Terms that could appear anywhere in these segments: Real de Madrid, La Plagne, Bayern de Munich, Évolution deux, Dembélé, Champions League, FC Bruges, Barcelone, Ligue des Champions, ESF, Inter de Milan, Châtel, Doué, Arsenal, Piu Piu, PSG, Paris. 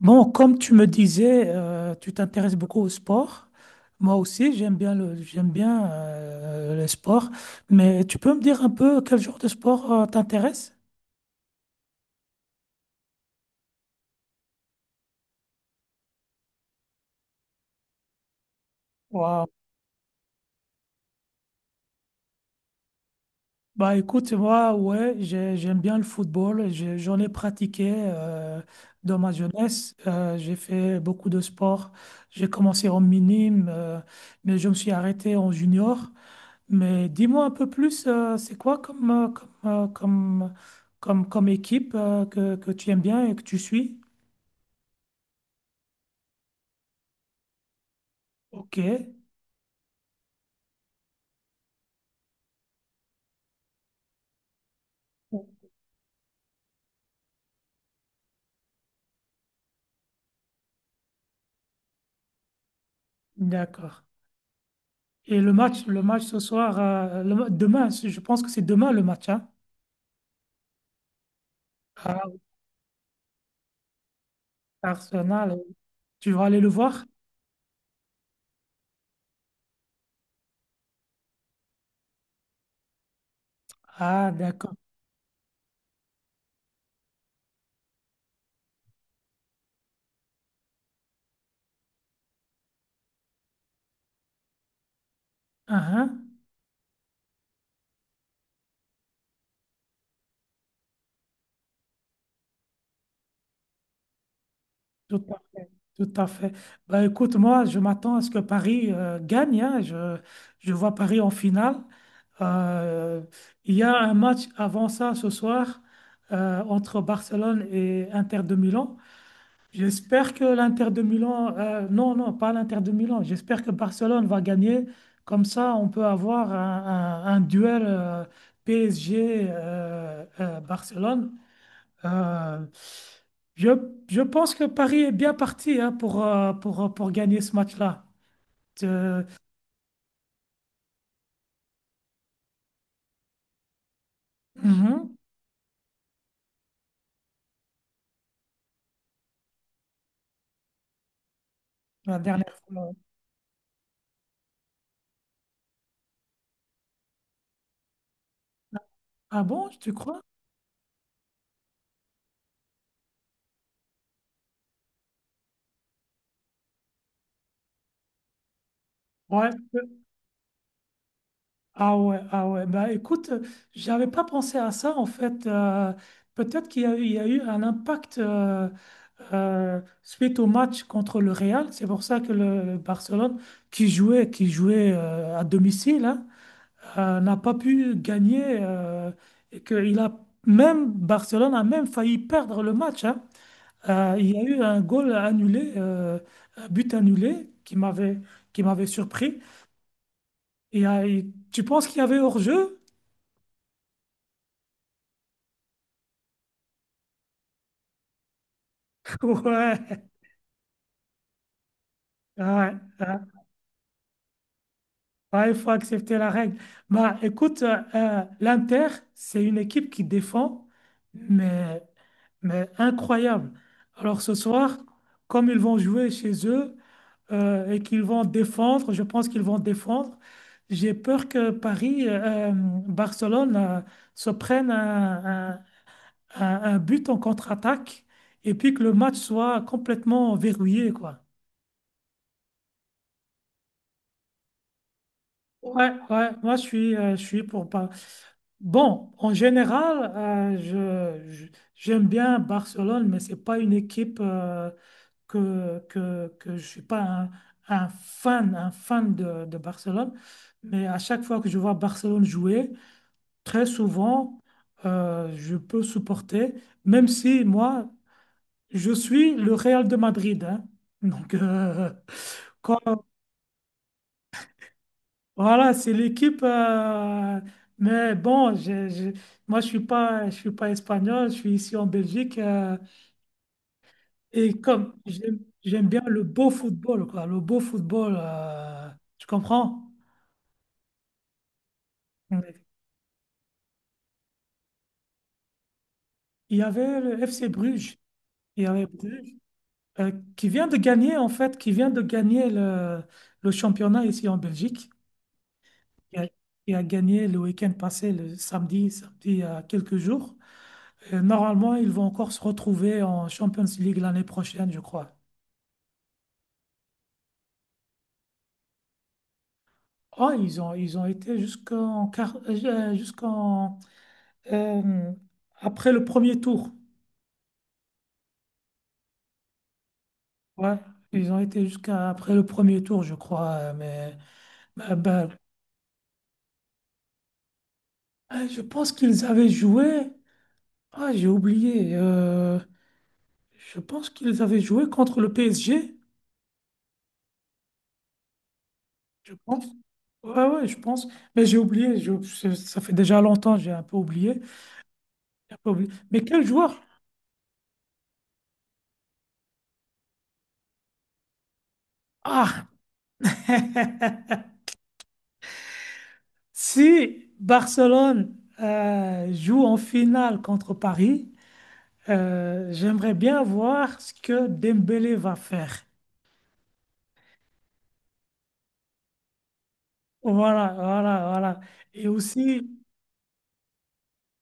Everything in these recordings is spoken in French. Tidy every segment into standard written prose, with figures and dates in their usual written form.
Bon, comme tu me disais, tu t'intéresses beaucoup au sport. Moi aussi, j'aime bien le sport. Mais tu peux me dire un peu quel genre de sport t'intéresse? Wow. Bah écoute, moi, ouais, j'aime bien le football. J'en ai pratiqué dans ma jeunesse. J'ai fait beaucoup de sport. J'ai commencé en minime, mais je me suis arrêté en junior. Mais dis-moi un peu plus, c'est quoi euh, comme, euh, comme, comme équipe que tu aimes bien et que tu suis? Ok, d'accord. Et le match ce soir, demain, je pense que c'est demain le match, hein? Ah, oui. Arsenal, tu vas aller le voir? Ah, d'accord. Ah, hein? Tout à fait, tout à fait. Bah, écoute, moi, je m'attends à ce que Paris gagne, hein. Je vois Paris en finale. Euh, il y a un match avant ça ce soir entre Barcelone et Inter de Milan. J'espère que l'Inter de Milan, non, non, pas l'Inter de Milan. J'espère que Barcelone va gagner. Comme ça, on peut avoir un duel PSG-Barcelone. Euh, je, je pense que Paris est bien parti hein, pour gagner ce match-là. Euh, mhm, la dernière fois. Ah bon, tu crois? Ouais. Ah ouais, ah ouais. Bah écoute, j'avais pas pensé à ça en fait. Peut-être qu'il y a, eu il y a eu un impact suite au match contre le Real. C'est pour ça que le Barcelone, qui jouait à domicile, hein, n'a pas pu gagner et que il a même Barcelone a même failli perdre le match, hein. Il y a eu un but annulé qui m'avait surpris. Et, tu penses qu'il y avait hors-jeu? Ouais, ouais, ouais. Ouais, il faut accepter la règle. Bah, écoute, l'Inter, c'est une équipe qui défend, mais incroyable. Alors ce soir, comme ils vont jouer chez eux, et qu'ils vont défendre. Je pense qu'ils vont défendre. J'ai peur que Barcelone, se prenne un but en contre-attaque et puis que le match soit complètement verrouillé, quoi. Ouais, ouais, je suis pour pas. Bon, en général, euh, je, je- j'aime bien Barcelone, mais c'est pas une équipe, que je ne suis pas un fan, de, Barcelone, mais à chaque fois que je vois Barcelone jouer, très souvent, je peux supporter, même si moi, je suis le Real de Madrid, hein. Donc, quand- voilà, c'est l'équipe, mais bon, moi, je suis pas espagnol, je suis ici en Belgique, euh. Et comme j'aime bien le beau football, quoi, le beau football, tu comprends? Ouais. Il y avait le FC Bruges, il y avait Bruges, qui vient de gagner, en fait, qui vient de gagner le championnat ici en Belgique, qui a, qui a gagné le week-end passé, le samedi, samedi, il y a quelques jours. Et normalement, ils vont encore se retrouver en Champions League l'année prochaine, je crois. Oh, ils ont été jusqu'en, euh, après le premier tour. Ouais, ils ont été jusqu'à après le premier tour, je crois, euh. Mais ben, je pense qu'ils avaient joué. Ah, j'ai oublié, je pense qu'ils avaient joué contre le PSG, je pense. Ouais, ouais, je pense. Mais j'ai oublié. Ça fait déjà longtemps, j'ai un peu oublié. Mais quel joueur? Ah, si Barcelone joue en finale contre Paris, j'aimerais bien voir ce que Dembélé va faire. Voilà, voilà, voilà. Et aussi,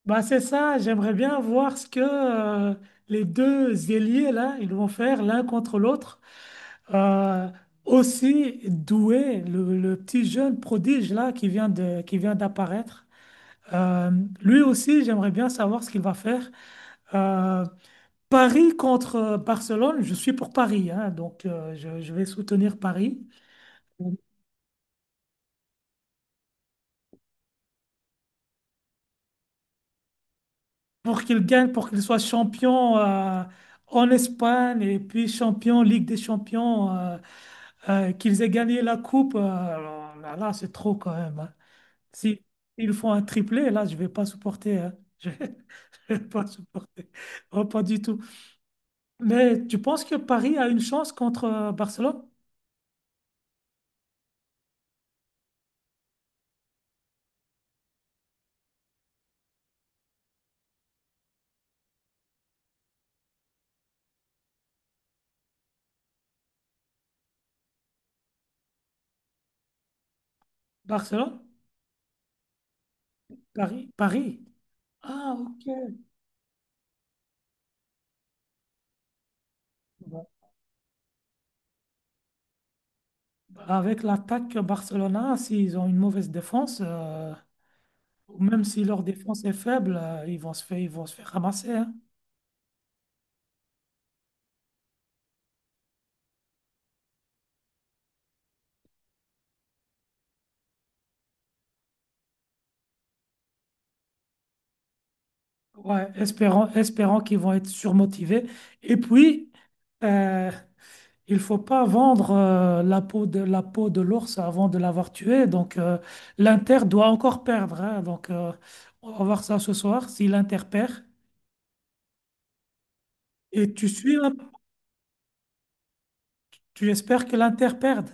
bah c'est ça, j'aimerais bien voir ce que euh, les deux ailiers, là, ils vont faire l'un contre l'autre. Euh, aussi doué, le petit jeune prodige, là, qui vient d'apparaître. Euh, lui aussi, j'aimerais bien savoir ce qu'il va faire. Euh, Paris contre Barcelone, je suis pour Paris, hein, donc je vais soutenir Paris. Pour qu'il gagne, pour qu'il soit champion en Espagne et puis champion Ligue des Champions, qu'ils aient gagné la coupe, alors là, là, c'est trop quand même, hein. Si ils font un triplé, là, je vais pas supporter, hein. Je vais je vais pas supporter. Oh, pas du tout. Mais tu penses que Paris a une chance contre Barcelone? Barcelone? Paris? Paris. Ah, ok. Bon. Avec l'attaque Barcelona, s'ils ont une mauvaise défense, même si leur défense est faible, ils vont se faire ramasser, hein. Ouais, espérant, espérant qu'ils vont être surmotivés. Et puis, euh, il faut pas vendre la peau de l'ours avant de l'avoir tué. Donc, l'Inter doit encore perdre, hein. Donc, on va voir ça ce soir. Si l'Inter perd, et tu suis, là, tu espères que l'Inter perde.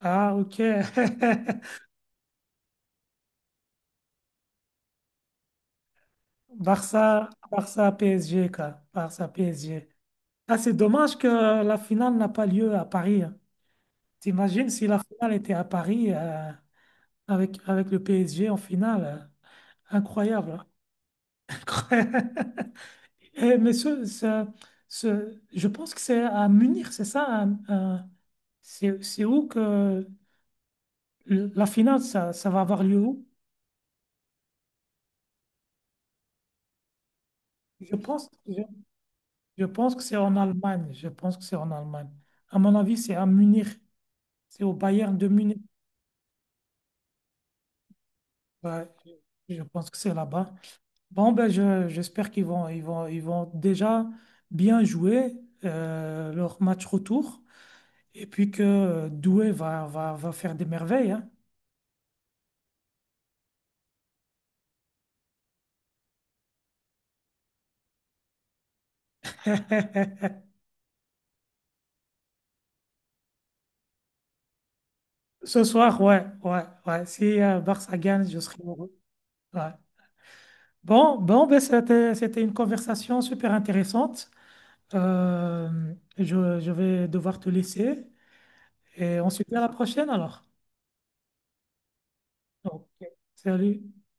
Ah, ok. Barça PSG quoi. Barça PSG. Ah, c'est dommage que la finale n'a pas lieu à Paris, hein. T'imagines si la finale était à Paris avec le PSG en finale, incroyable. Incroyable. Eh, je pense que c'est à Munich, c'est ça, hein, c'est où que le- la finale, ça va avoir lieu où? Je pense, je, je pense que c'est en Allemagne. Je pense que c'est en Allemagne. À mon avis, c'est à Munich. C'est au Bayern de Munich. Ouais, je pense que c'est là-bas. Bon, ben j'espère qu'ils vont, ils vont, ils vont déjà bien jouer leur match retour et puis que Doué va faire des merveilles, hein. Ce soir, ouais, ouais, ouais. Si Barça gagne, je serai heureux. Ouais. Bon, bon, ben c'était une conversation super intéressante. Je vais devoir te laisser et on se dit à la prochaine alors. Ok. Salut.